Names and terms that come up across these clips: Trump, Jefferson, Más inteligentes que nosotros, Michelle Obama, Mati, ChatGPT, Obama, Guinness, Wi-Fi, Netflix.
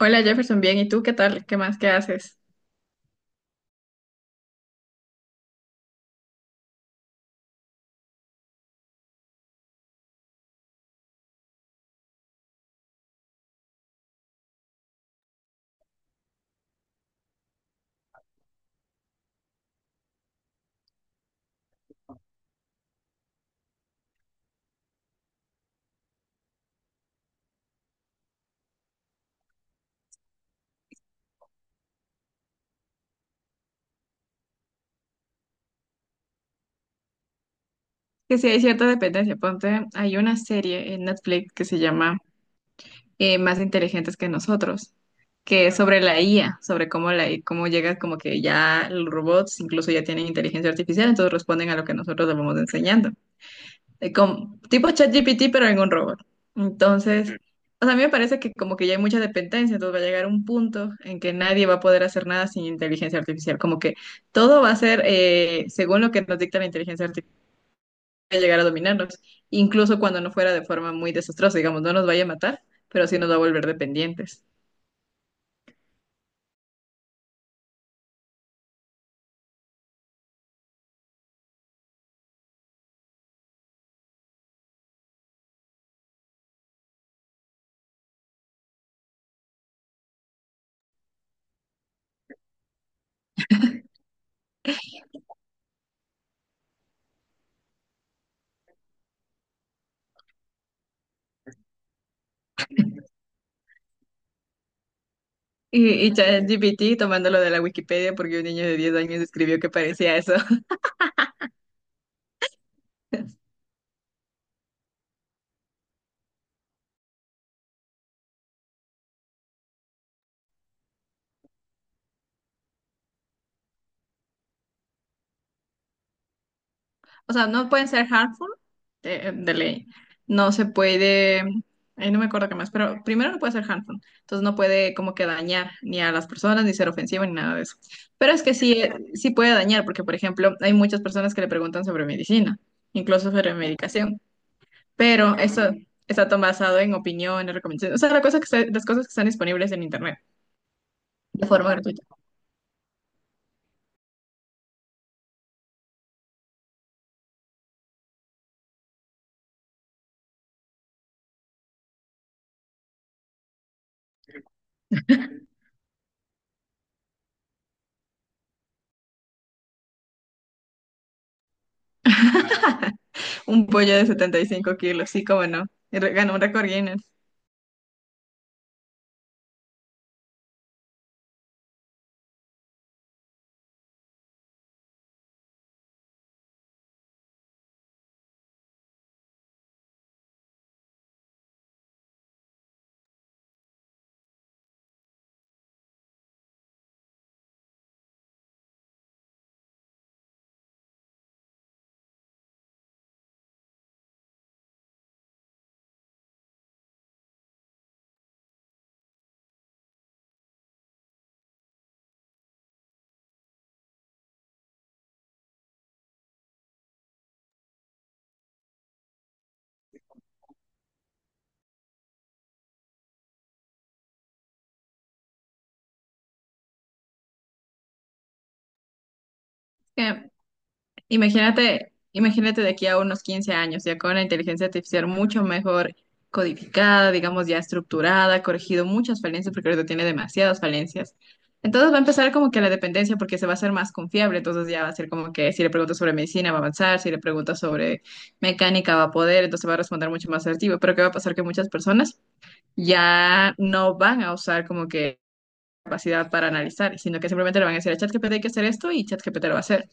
Hola Jefferson, bien, ¿y tú qué tal? ¿Qué más? ¿Qué haces? Que sí hay cierta dependencia. Ponte, hay una serie en Netflix que se llama Más inteligentes que nosotros, que es sobre la IA, sobre cómo cómo llega como que ya los robots incluso ya tienen inteligencia artificial, entonces responden a lo que nosotros les vamos enseñando. Tipo ChatGPT, pero en un robot. Entonces, o sea, a mí me parece que como que ya hay mucha dependencia, entonces va a llegar un punto en que nadie va a poder hacer nada sin inteligencia artificial, como que todo va a ser según lo que nos dicta la inteligencia artificial, va a llegar a dominarnos, incluso cuando no fuera de forma muy desastrosa, digamos, no nos vaya a matar, pero sí nos va a volver dependientes. Y ChatGPT tomándolo de la Wikipedia porque un niño de 10 años escribió que parecía eso. O sea, no pueden ser harmful de ley. No se puede, ahí no me acuerdo qué más, pero primero no puede ser harmful. Entonces no puede como que dañar ni a las personas, ni ser ofensivo, ni nada de eso. Pero es que sí, sí puede dañar, porque por ejemplo, hay muchas personas que le preguntan sobre medicina, incluso sobre medicación. Pero eso está todo basado en opiniones, recomendaciones. O sea, la cosa que está- las cosas que están disponibles en internet de forma gratuita. Un pollo de 75 kilos, sí, cómo no. Ganó un récord Guinness. Eh, Imagínate, imagínate de aquí a unos 15 años, ya con la inteligencia artificial mucho mejor codificada, digamos ya estructurada, corregido muchas falencias, porque ahorita tiene demasiadas falencias. Entonces va a empezar como que la dependencia, porque se va a hacer más confiable, entonces ya va a ser como que si le preguntas sobre medicina va a avanzar, si le preguntas sobre mecánica va a poder, entonces va a responder mucho más asertivo, pero ¿qué va a pasar? Que muchas personas ya no van a usar como que capacidad para analizar, sino que simplemente le van a decir a ChatGPT hay que hacer esto y ChatGPT lo va a hacer.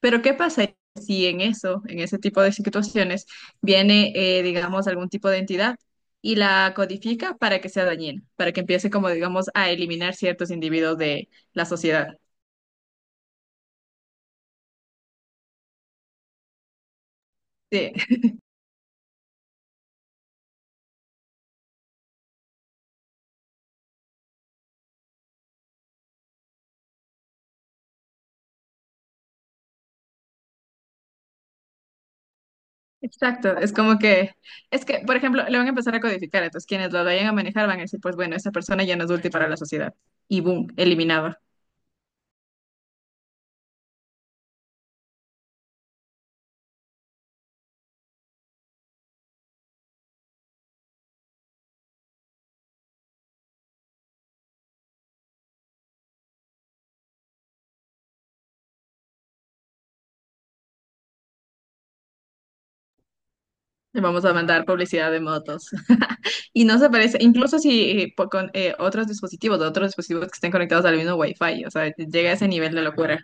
Pero ¿qué pasa si en eso, en ese tipo de situaciones, viene, digamos, algún tipo de entidad y la codifica para que sea dañina, para que empiece como, digamos, a eliminar ciertos individuos de la sociedad? Sí, exacto. Es que, por ejemplo, le van a empezar a codificar, entonces quienes lo vayan a manejar van a decir, pues bueno, esa persona ya no es útil para la sociedad. Y boom, eliminado. Le vamos a mandar publicidad de motos. Y no se parece, incluso si con otros dispositivos que estén conectados al mismo Wi-Fi, o sea, llega a ese nivel de locura.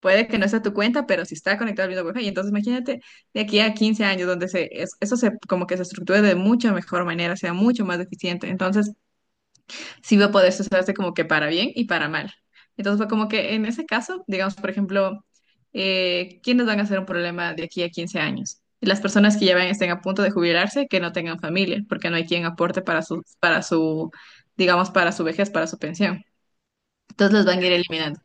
Puede que no sea tu cuenta, pero si está conectado al mismo Wi-Fi, entonces imagínate de aquí a 15 años donde eso se como que se estructure de mucha mejor manera, sea mucho más eficiente. Entonces, sí va a poder usarse como que para bien y para mal. Entonces fue como que en ese caso, digamos, por ejemplo, ¿quiénes van a ser un problema de aquí a 15 años? Las personas que ya estén a punto de jubilarse, que no tengan familia, porque no hay quien aporte para su, digamos, para su vejez, para su pensión. Entonces los van a ir eliminando.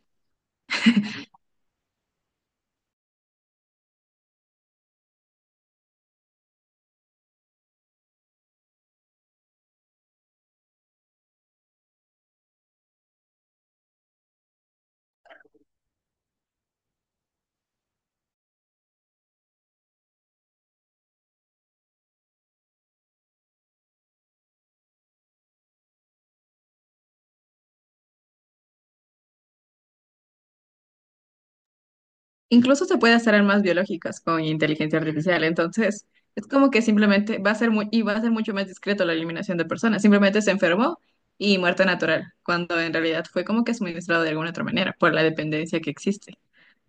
Incluso se puede hacer armas biológicas con inteligencia artificial, entonces es como que simplemente va a ser muy, y va a ser mucho más discreto la eliminación de personas, simplemente se enfermó y muerte natural, cuando en realidad fue como que suministrado de alguna otra manera por la dependencia que existe.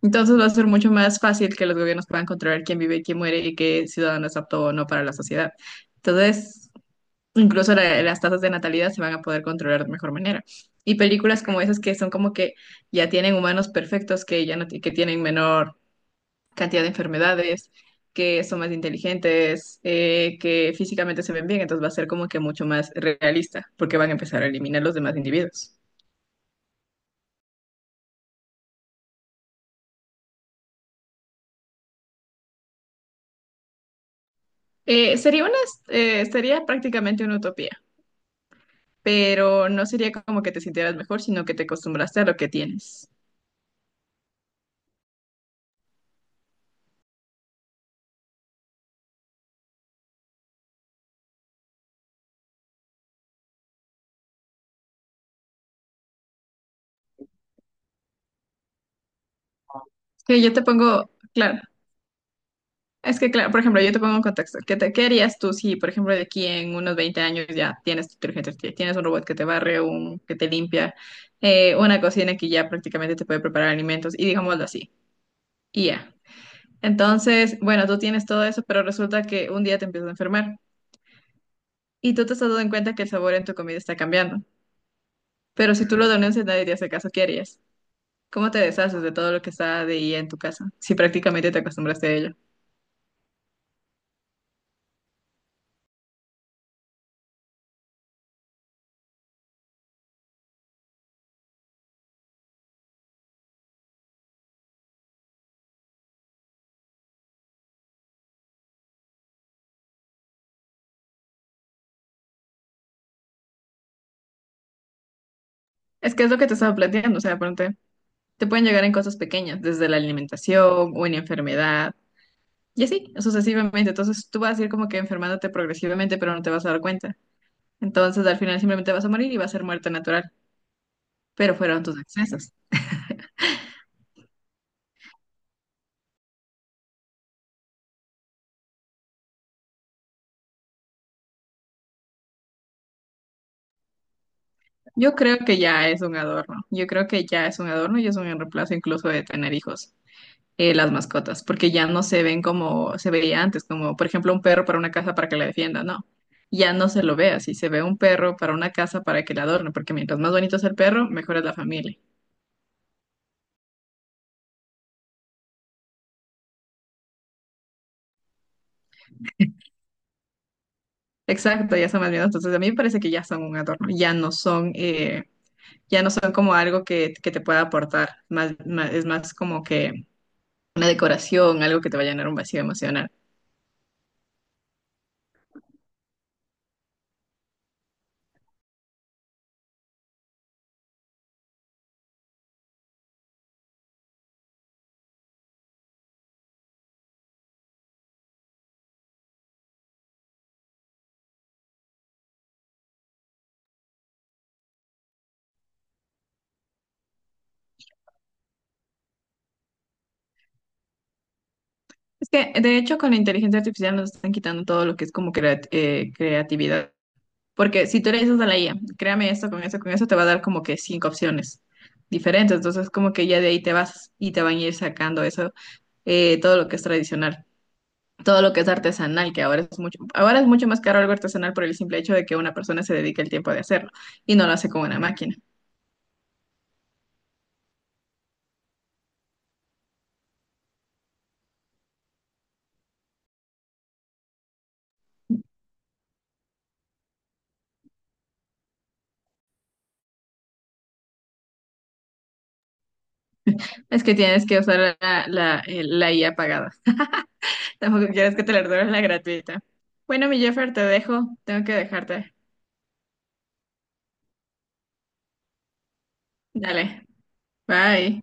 Entonces va a ser mucho más fácil que los gobiernos puedan controlar quién vive y quién muere y qué ciudadano es apto o no para la sociedad. Entonces, incluso las tasas de natalidad se van a poder controlar de mejor manera. Y películas como esas que son como que ya tienen humanos perfectos que ya no ti- que tienen menor cantidad de enfermedades, que son más inteligentes, que físicamente se ven bien, entonces va a ser como que mucho más realista, porque van a empezar a eliminar los demás individuos. Eh, sería una, sería prácticamente una utopía, pero no sería como que te sintieras mejor, sino que te acostumbraste a lo que tienes. Que yo te pongo, claro, Es que, claro, por ejemplo, yo te pongo en contexto. ¿Qué harías tú si, por ejemplo, de aquí en unos 20 años ya tienes tu inteligencia artificial, tienes un robot que te barre, un que te limpia, una cocina que ya prácticamente te puede preparar alimentos y digámoslo así, y ya. Entonces, bueno, tú tienes todo eso, pero resulta que un día te empiezas a enfermar y tú te estás dando en cuenta que el sabor en tu comida está cambiando. Pero si tú lo denuncias, nadie te hace caso, ¿qué harías? ¿Cómo te deshaces de todo lo que está de IA en tu casa si prácticamente te acostumbraste a ello? Es que es lo que te estaba planteando, o sea, pronto. Te pueden llegar en cosas pequeñas, desde la alimentación, una enfermedad, y así, sucesivamente. Entonces tú vas a ir como que enfermándote progresivamente, pero no te vas a dar cuenta. Entonces al final simplemente vas a morir y va a ser muerte natural, pero fueron tus excesos. Yo creo que ya es un adorno, yo creo que ya es un adorno y es un reemplazo incluso de tener hijos, las mascotas, porque ya no se ven como se veía antes, como por ejemplo un perro para una casa para que la defienda, no ya no se lo ve así. Se ve un perro para una casa para que la adorne, porque mientras más bonito es el perro, mejor es la familia. Exacto, ya son más miedos. Entonces, a mí me parece que ya son un adorno, ya no son como algo que te pueda aportar, es más como que una decoración, algo que te va a llenar un vacío emocional. Es que, de hecho, con la inteligencia artificial nos están quitando todo lo que es como creatividad. Porque si tú le dices a la IA, créame esto, con eso, te va a dar como que cinco opciones diferentes. Entonces, como que ya de ahí te vas y te van a ir sacando eso, todo lo que es tradicional. Todo lo que es artesanal, que ahora es mucho más caro algo artesanal por el simple hecho de que una persona se dedica el tiempo de hacerlo y no lo hace con una máquina. Es que tienes que usar la IA pagada. Tampoco quieres que te la den la gratuita. Bueno, mi Jeffer, te dejo. Tengo que dejarte. Dale. Bye.